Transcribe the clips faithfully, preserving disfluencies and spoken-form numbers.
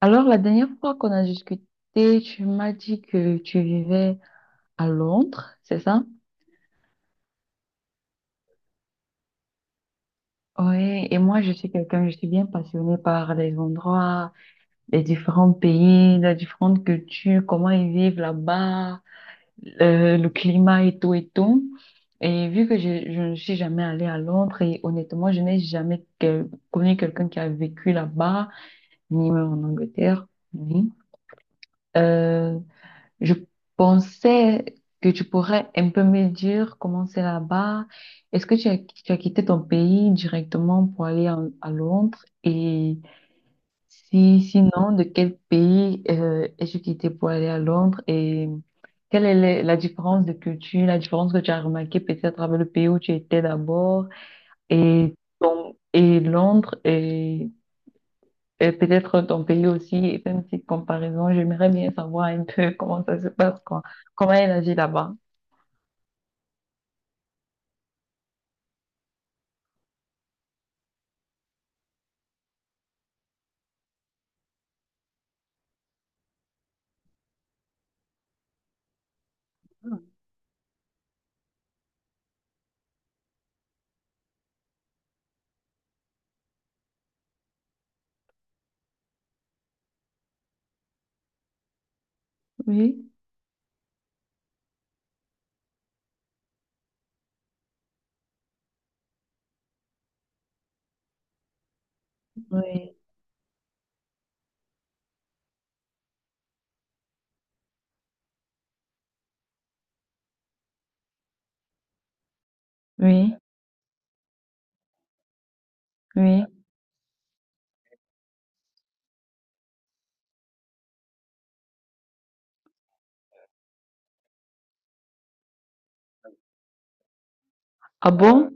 Alors, la dernière fois qu'on a discuté, tu m'as dit que tu vivais à Londres, c'est ça? Oui, et moi, je suis quelqu'un, je suis bien passionnée par les endroits, les différents pays, les différentes cultures, comment ils vivent là-bas, le, le climat et tout et tout. Et vu que je, je ne suis jamais allée à Londres, et honnêtement, je n'ai jamais que- connu quelqu'un qui a vécu là-bas, ni même en Angleterre, ni. Euh, Je pensais que tu pourrais un peu me dire comment c'est là-bas. Est-ce que tu as, tu as quitté ton pays directement pour aller en- à Londres? Et si, sinon, de quel pays euh, es-tu quitté pour aller à Londres? Et quelle est la la différence de culture, la différence que tu as remarquée peut-être avec le pays où tu étais d'abord et, ton- et Londres? Et peut-être ton pays aussi et faire une petite comparaison. J'aimerais bien savoir un peu comment ça se passe, quoi. Comment elle agit là-bas. Oui, oui, oui, oui. Ah bon?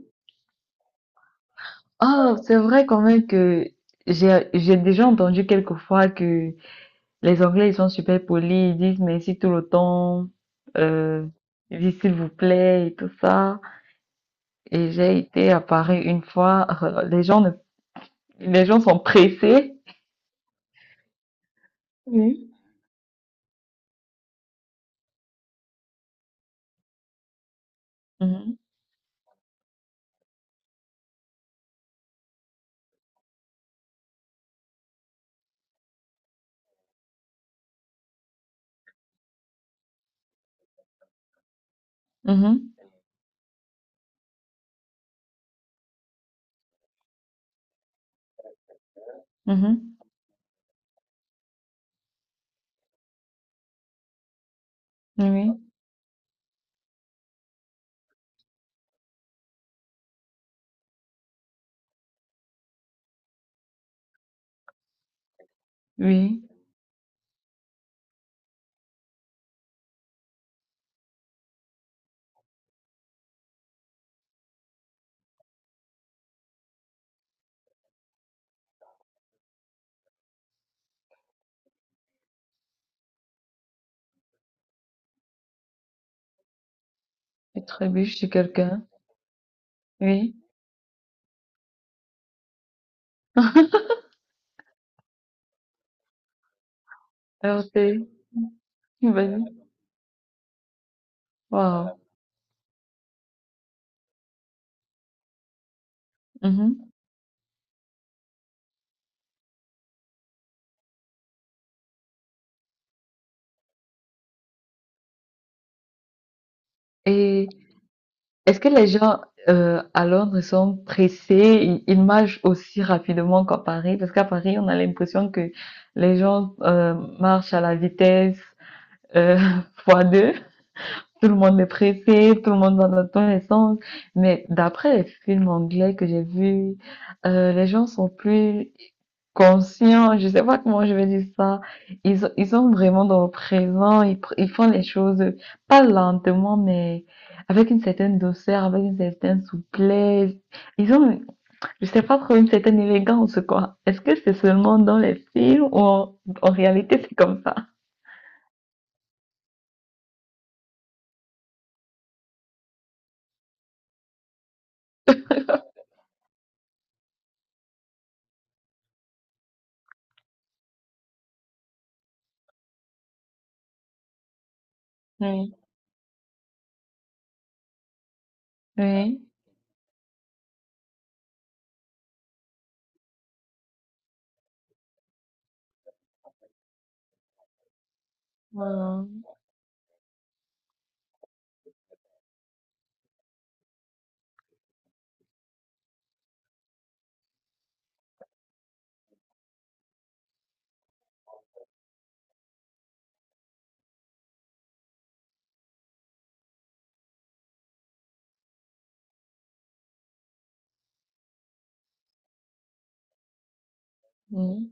Ah, c'est vrai quand même que j'ai j'ai déjà entendu quelquefois que les Anglais, ils sont super polis, ils disent merci tout le temps, euh, ils disent s'il vous plaît et tout ça. Et j'ai été à Paris une fois, les gens ne, les gens sont pressés. Oui. Mhm, mhm, mhm. Oui, oui, je trébuche sur quelqu'un. Oui, heurté, vas-y. Wow. Mhm. Et Est-ce que les gens euh, à Londres sont pressés, ils, ils marchent aussi rapidement qu'à Paris? Parce qu'à Paris, on a l'impression que les gens euh, marchent à la vitesse euh, fois deux. Tout le monde est pressé, tout le monde va dans tous les sens. Mais d'après les films anglais que j'ai vus, euh, les gens sont plus conscients, je sais pas comment je vais dire ça. Ils, sont- ils sont vraiment dans le présent, ils, pr- ils font les choses pas lentement, mais avec une certaine douceur, avec une certaine souplesse. Ils ont, je sais pas trop, une certaine élégance, quoi. Est-ce que c'est seulement dans les films ou en, en réalité c'est comme ça? Oui. Oui. Voilà. Oui.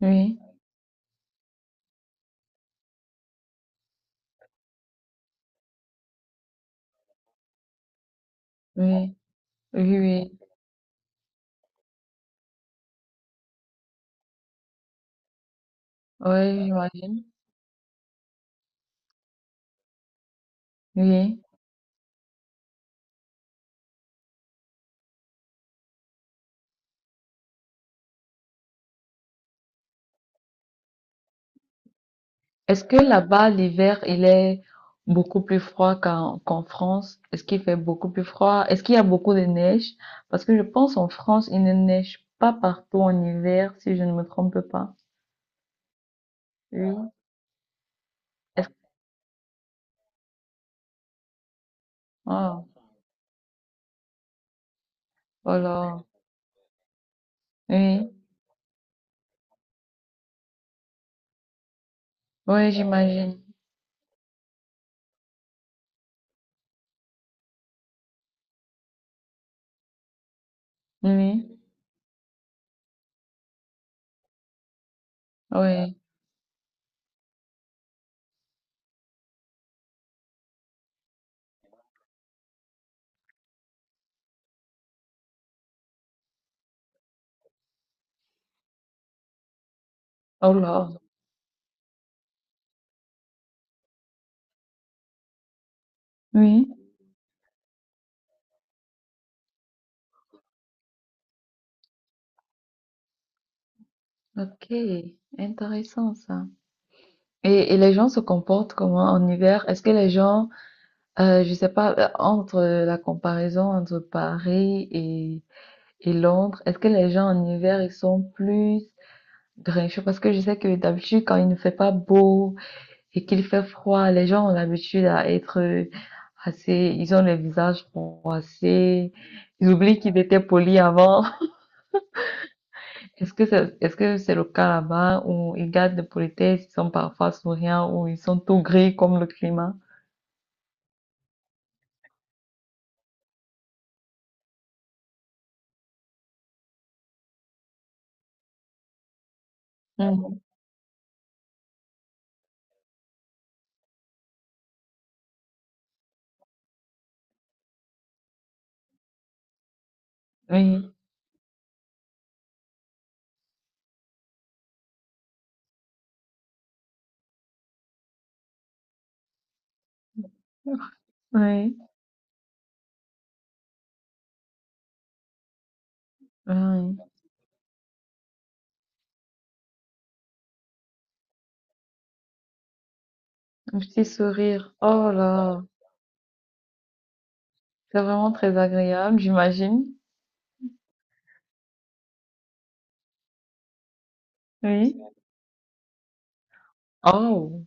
Oui. Oui, oui, oui, oui, j'imagine. Oui. Est-ce que là-bas, l'hiver, il est beaucoup plus froid qu'en qu'en France? Est-ce qu'il fait beaucoup plus froid? Est-ce qu'il y a beaucoup de neige? Parce que je pense en France, il ne neige pas partout en hiver, si je ne me trompe pas. Oui. Est-ce... Oh, oh là. Oui, oui, j'imagine. Oui, oui. Oh là. Oui. Ok, intéressant ça. Et, et les gens se comportent comment en hiver? Est-ce que les gens Euh, je sais pas, euh, entre la comparaison entre Paris et, et Londres, est-ce que les gens en hiver, ils sont plus grincheux? Parce que je sais que d'habitude, quand il ne fait pas beau et qu'il fait froid, les gens ont l'habitude à être assez, ils ont le visage froissé, ils oublient qu'ils étaient polis avant. Est-ce que c'est, est-ce que c'est le cas là-bas où ils gardent de politesse, ils sont parfois souriants, ou ils sont tout gris comme le climat? Mhm. Oui, oui, oui. Un petit sourire. Oh là, c'est vraiment très agréable, j'imagine. Oui. Oh,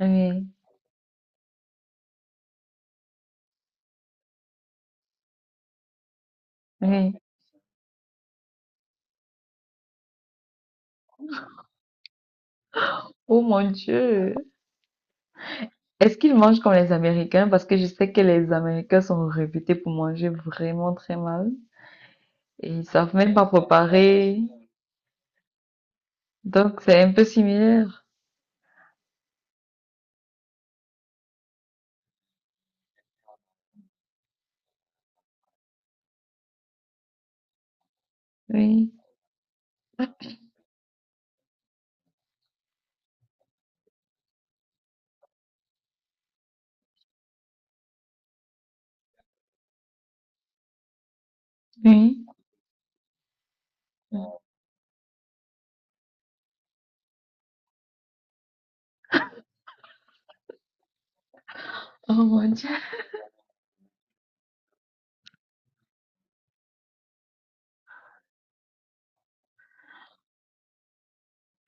oui, oui. Oh mon Dieu. Est-ce qu'ils mangent comme les Américains? Parce que je sais que les Américains sont réputés pour manger vraiment très mal. Et ils savent même pas préparer. Donc c'est un peu similaire. Oui, oui. Oh mon Dieu.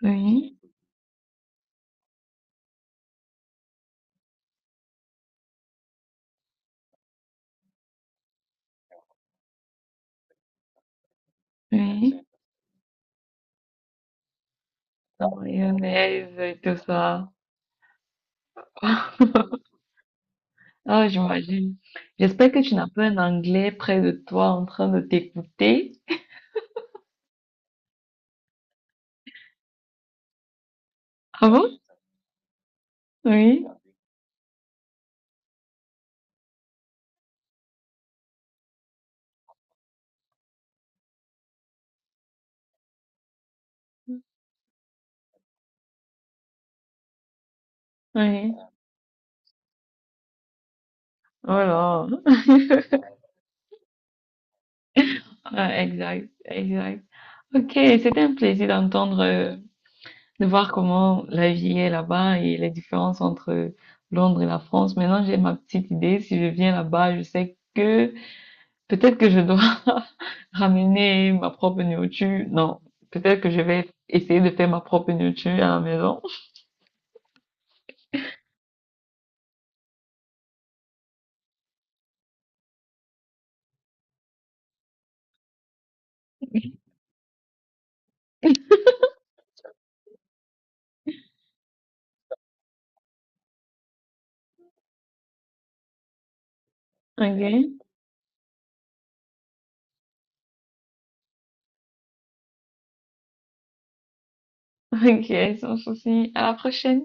Oui, oui. La mayonnaise et tout ça. Oh, j'imagine. J'espère que tu n'as pas un anglais près de toi en train de t'écouter. Ah bon? Oui, oui. Oh là. Ouais, exact, exact. Ok, c'était un plaisir d'entendre, euh, de voir comment la vie est là-bas et les différences entre Londres et la France. Maintenant, j'ai ma petite idée. Si je viens là-bas, je sais que peut-être que je dois ramener ma propre nourriture. Non, peut-être que je vais essayer de faire ma propre nourriture à la maison. Ok. Ok, sans souci. À la prochaine.